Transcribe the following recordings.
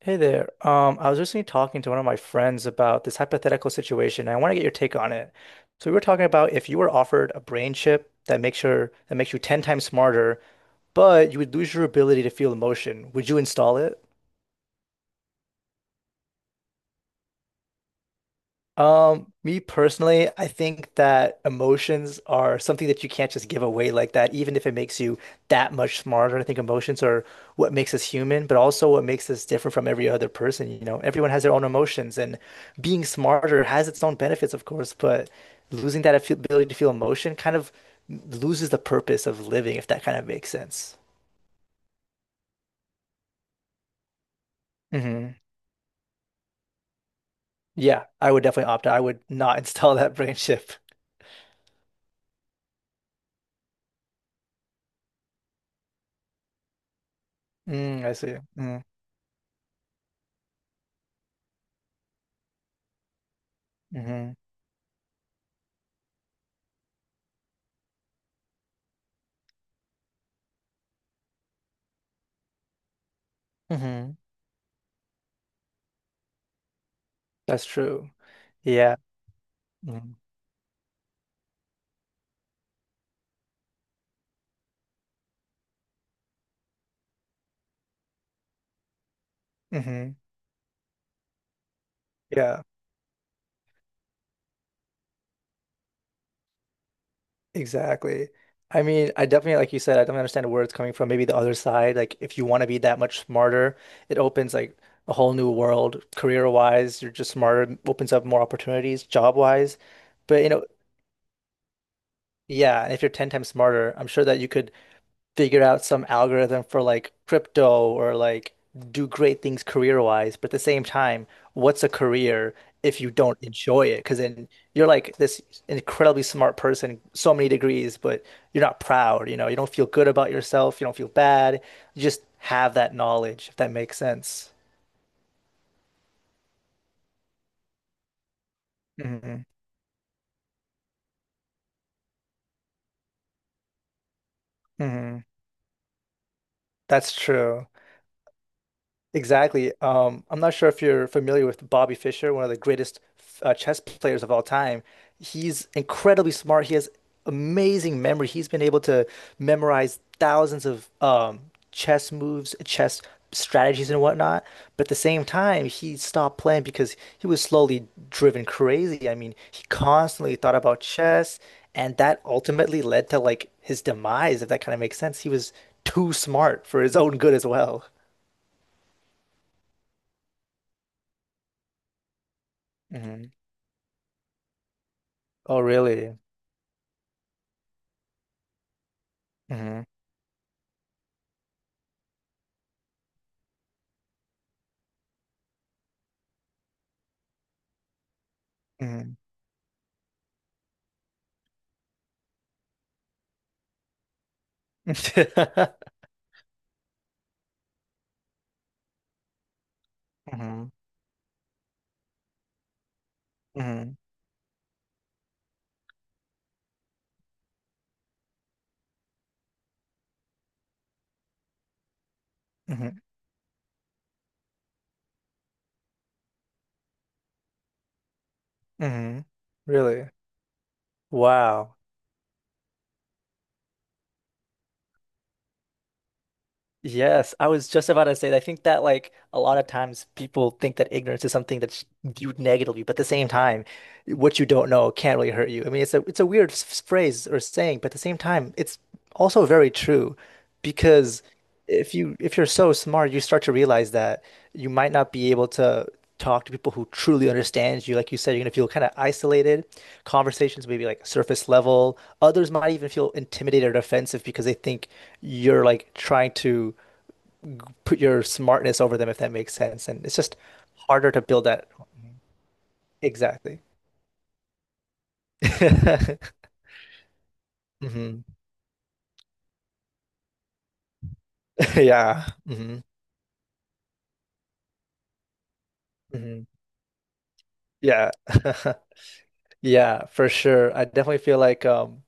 Hey there. I was recently talking to one of my friends about this hypothetical situation, and I want to get your take on it. So we were talking about if you were offered a brain chip that makes your that makes you 10 times smarter, but you would lose your ability to feel emotion, would you install it? Me personally, I think that emotions are something that you can't just give away like that, even if it makes you that much smarter. I think emotions are what makes us human, but also what makes us different from every other person. You know, everyone has their own emotions, and being smarter has its own benefits, of course, but losing that ability to feel emotion kind of loses the purpose of living, if that kind of makes sense. Hmm. Yeah, I would definitely opt out. I would not install that brain chip. Mm, I see. Mm-hmm. Hmm. Hmm. That's true. Yeah. Mm-hmm. Yeah, exactly. I mean, I definitely, like you said, I don't understand where it's coming from. Maybe the other side, like if you want to be that much smarter, it opens like a whole new world career-wise. You're just smarter, opens up more opportunities job-wise. But you know, yeah, and if you're 10 times smarter, I'm sure that you could figure out some algorithm for like crypto or like do great things career-wise. But at the same time, what's a career if you don't enjoy it? Because then you're like this incredibly smart person, so many degrees, but you're not proud, you know, you don't feel good about yourself, you don't feel bad. You just have that knowledge, if that makes sense. Hmm. Hmm. That's true. Exactly. I'm not sure if you're familiar with Bobby Fischer, one of the greatest chess players of all time. He's incredibly smart. He has amazing memory. He's been able to memorize thousands of chess moves, chess strategies, and whatnot. But at the same time, he stopped playing because he was slowly driven crazy. I mean, he constantly thought about chess, and that ultimately led to like his demise, if that kind of makes sense. He was too smart for his own good as well. Oh, really? Hmm. Hmm. Hmm. Hmm. Hmm. Hmm. Really? Wow. Yes, I was just about to say that. I think that like a lot of times people think that ignorance is something that's viewed negatively, but at the same time, what you don't know can't really hurt you. I mean, it's a weird phrase or saying, but at the same time, it's also very true because if you're so smart, you start to realize that you might not be able to talk to people who truly understands you. Like you said, you're gonna feel kind of isolated. Conversations may be like surface level. Others might even feel intimidated or offensive because they think you're like trying to put your smartness over them, if that makes sense. And it's just harder to build that. Exactly. Hmm. Yeah. Hmm. Hmm. Yeah. Yeah, for sure. I definitely feel like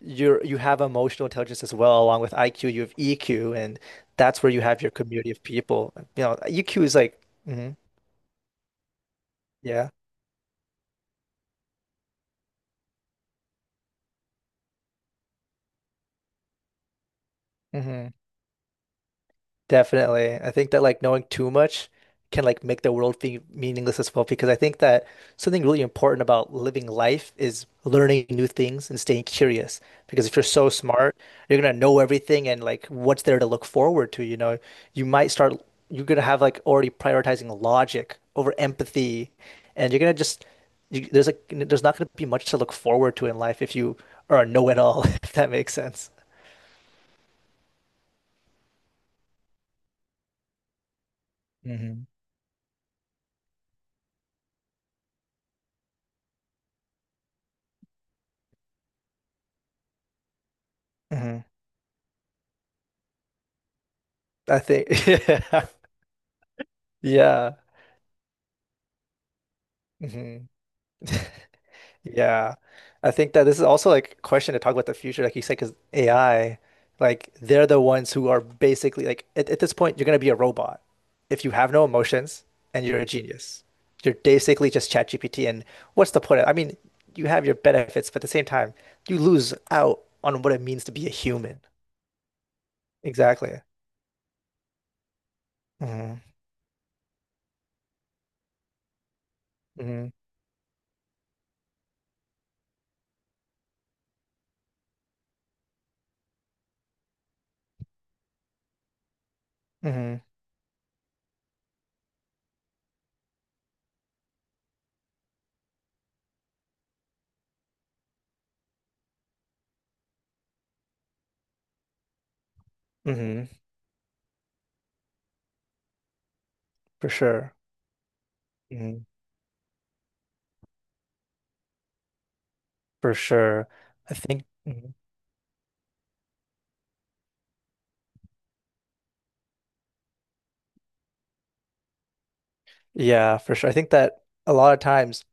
you have emotional intelligence as well, along with IQ, you have EQ, and that's where you have your community of people. You know, EQ is like, mhm, yeah. Mhm. Definitely. I think that like knowing too much can like make the world feel meaningless as well because I think that something really important about living life is learning new things and staying curious. Because if you're so smart, you're gonna know everything and like what's there to look forward to, you know. You might start you're gonna have like already prioritizing logic over empathy and you're gonna just there's like there's not gonna be much to look forward to in life if you are a know-it-all, if that makes sense. Hmm. Hmm. I think yeah. Yeah. Hmm. Yeah. I think that this is also like a question to talk about the future, like you said, because AI, like they're the ones who are basically like at this point, you're gonna be a robot if you have no emotions and you're a genius. You're basically just ChatGPT, and what's the point of, I mean, you have your benefits, but at the same time, you lose out on what it means to be a human. Exactly. Hmm. Hmm. Hmm. Hmm. For sure. Hmm. For sure. I think. Mm-hmm. Yeah, for sure. I think that a lot of times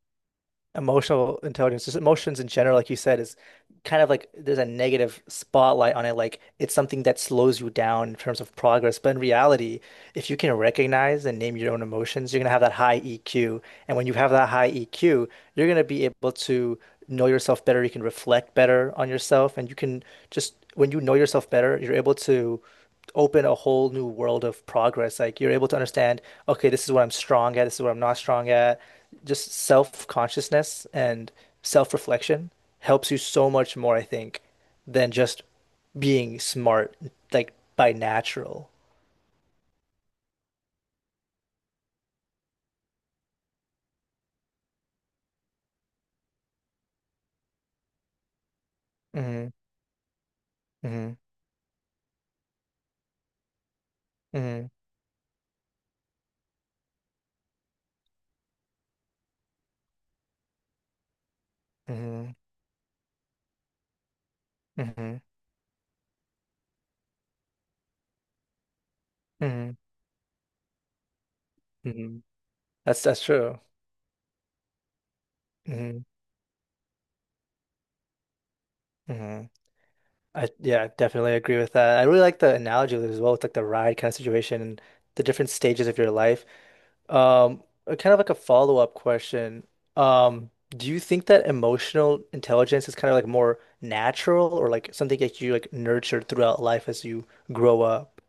emotional intelligence, just emotions in general, like you said, is kind of like there's a negative spotlight on it. Like it's something that slows you down in terms of progress. But in reality, if you can recognize and name your own emotions, you're gonna have that high EQ. And when you have that high EQ, you're gonna be able to know yourself better. You can reflect better on yourself, and you can just when you know yourself better, you're able to open a whole new world of progress. Like you're able to understand, okay, this is what I'm strong at, this is what I'm not strong at. Just self-consciousness and self-reflection helps you so much more, I think, than just being smart, like by natural. Hmm. Hmm. Hmm. Hmm. Hmm. Hmm. Hmm. That's true. Hmm. Hmm. I yeah, I definitely agree with that. I really like the analogy as well with like the ride kind of situation and the different stages of your life. Kind of like a follow-up question. Do you think that emotional intelligence is kind of like more natural or like something that you like nurture throughout life as you grow up?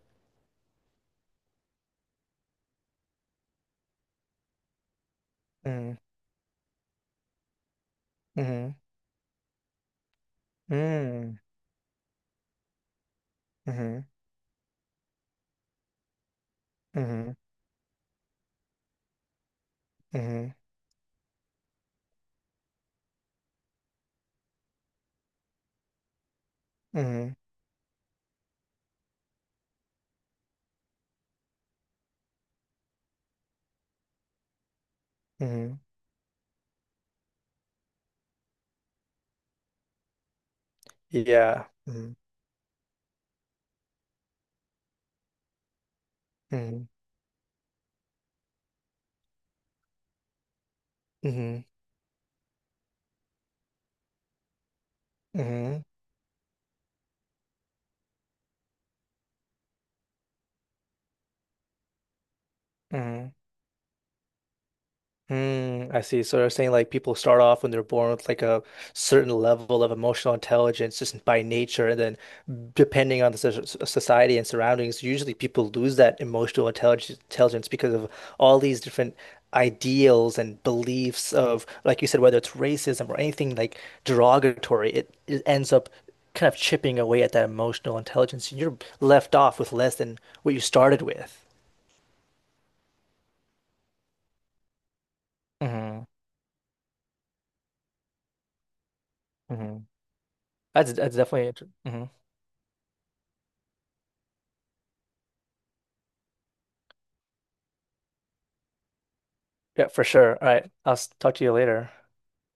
Mm, mm-hmm, mm, mm-hmm, mm-hmm, mm-hmm, mm-hmm, mm-hmm. Yeah. Mm-hmm, mm-hmm, mm-hmm, mm-hmm. Hmm. I see. So they're saying like people start off when they're born with like a certain level of emotional intelligence just by nature, and then depending on the society and surroundings, usually people lose that emotional intelligence because of all these different ideals and beliefs of, like you said, whether it's racism or anything like derogatory, it ends up kind of chipping away at that emotional intelligence, and you're left off with less than what you started with. Hmm. Hmm. That's definitely interesting. Yeah, for sure. All right. I'll talk to you later.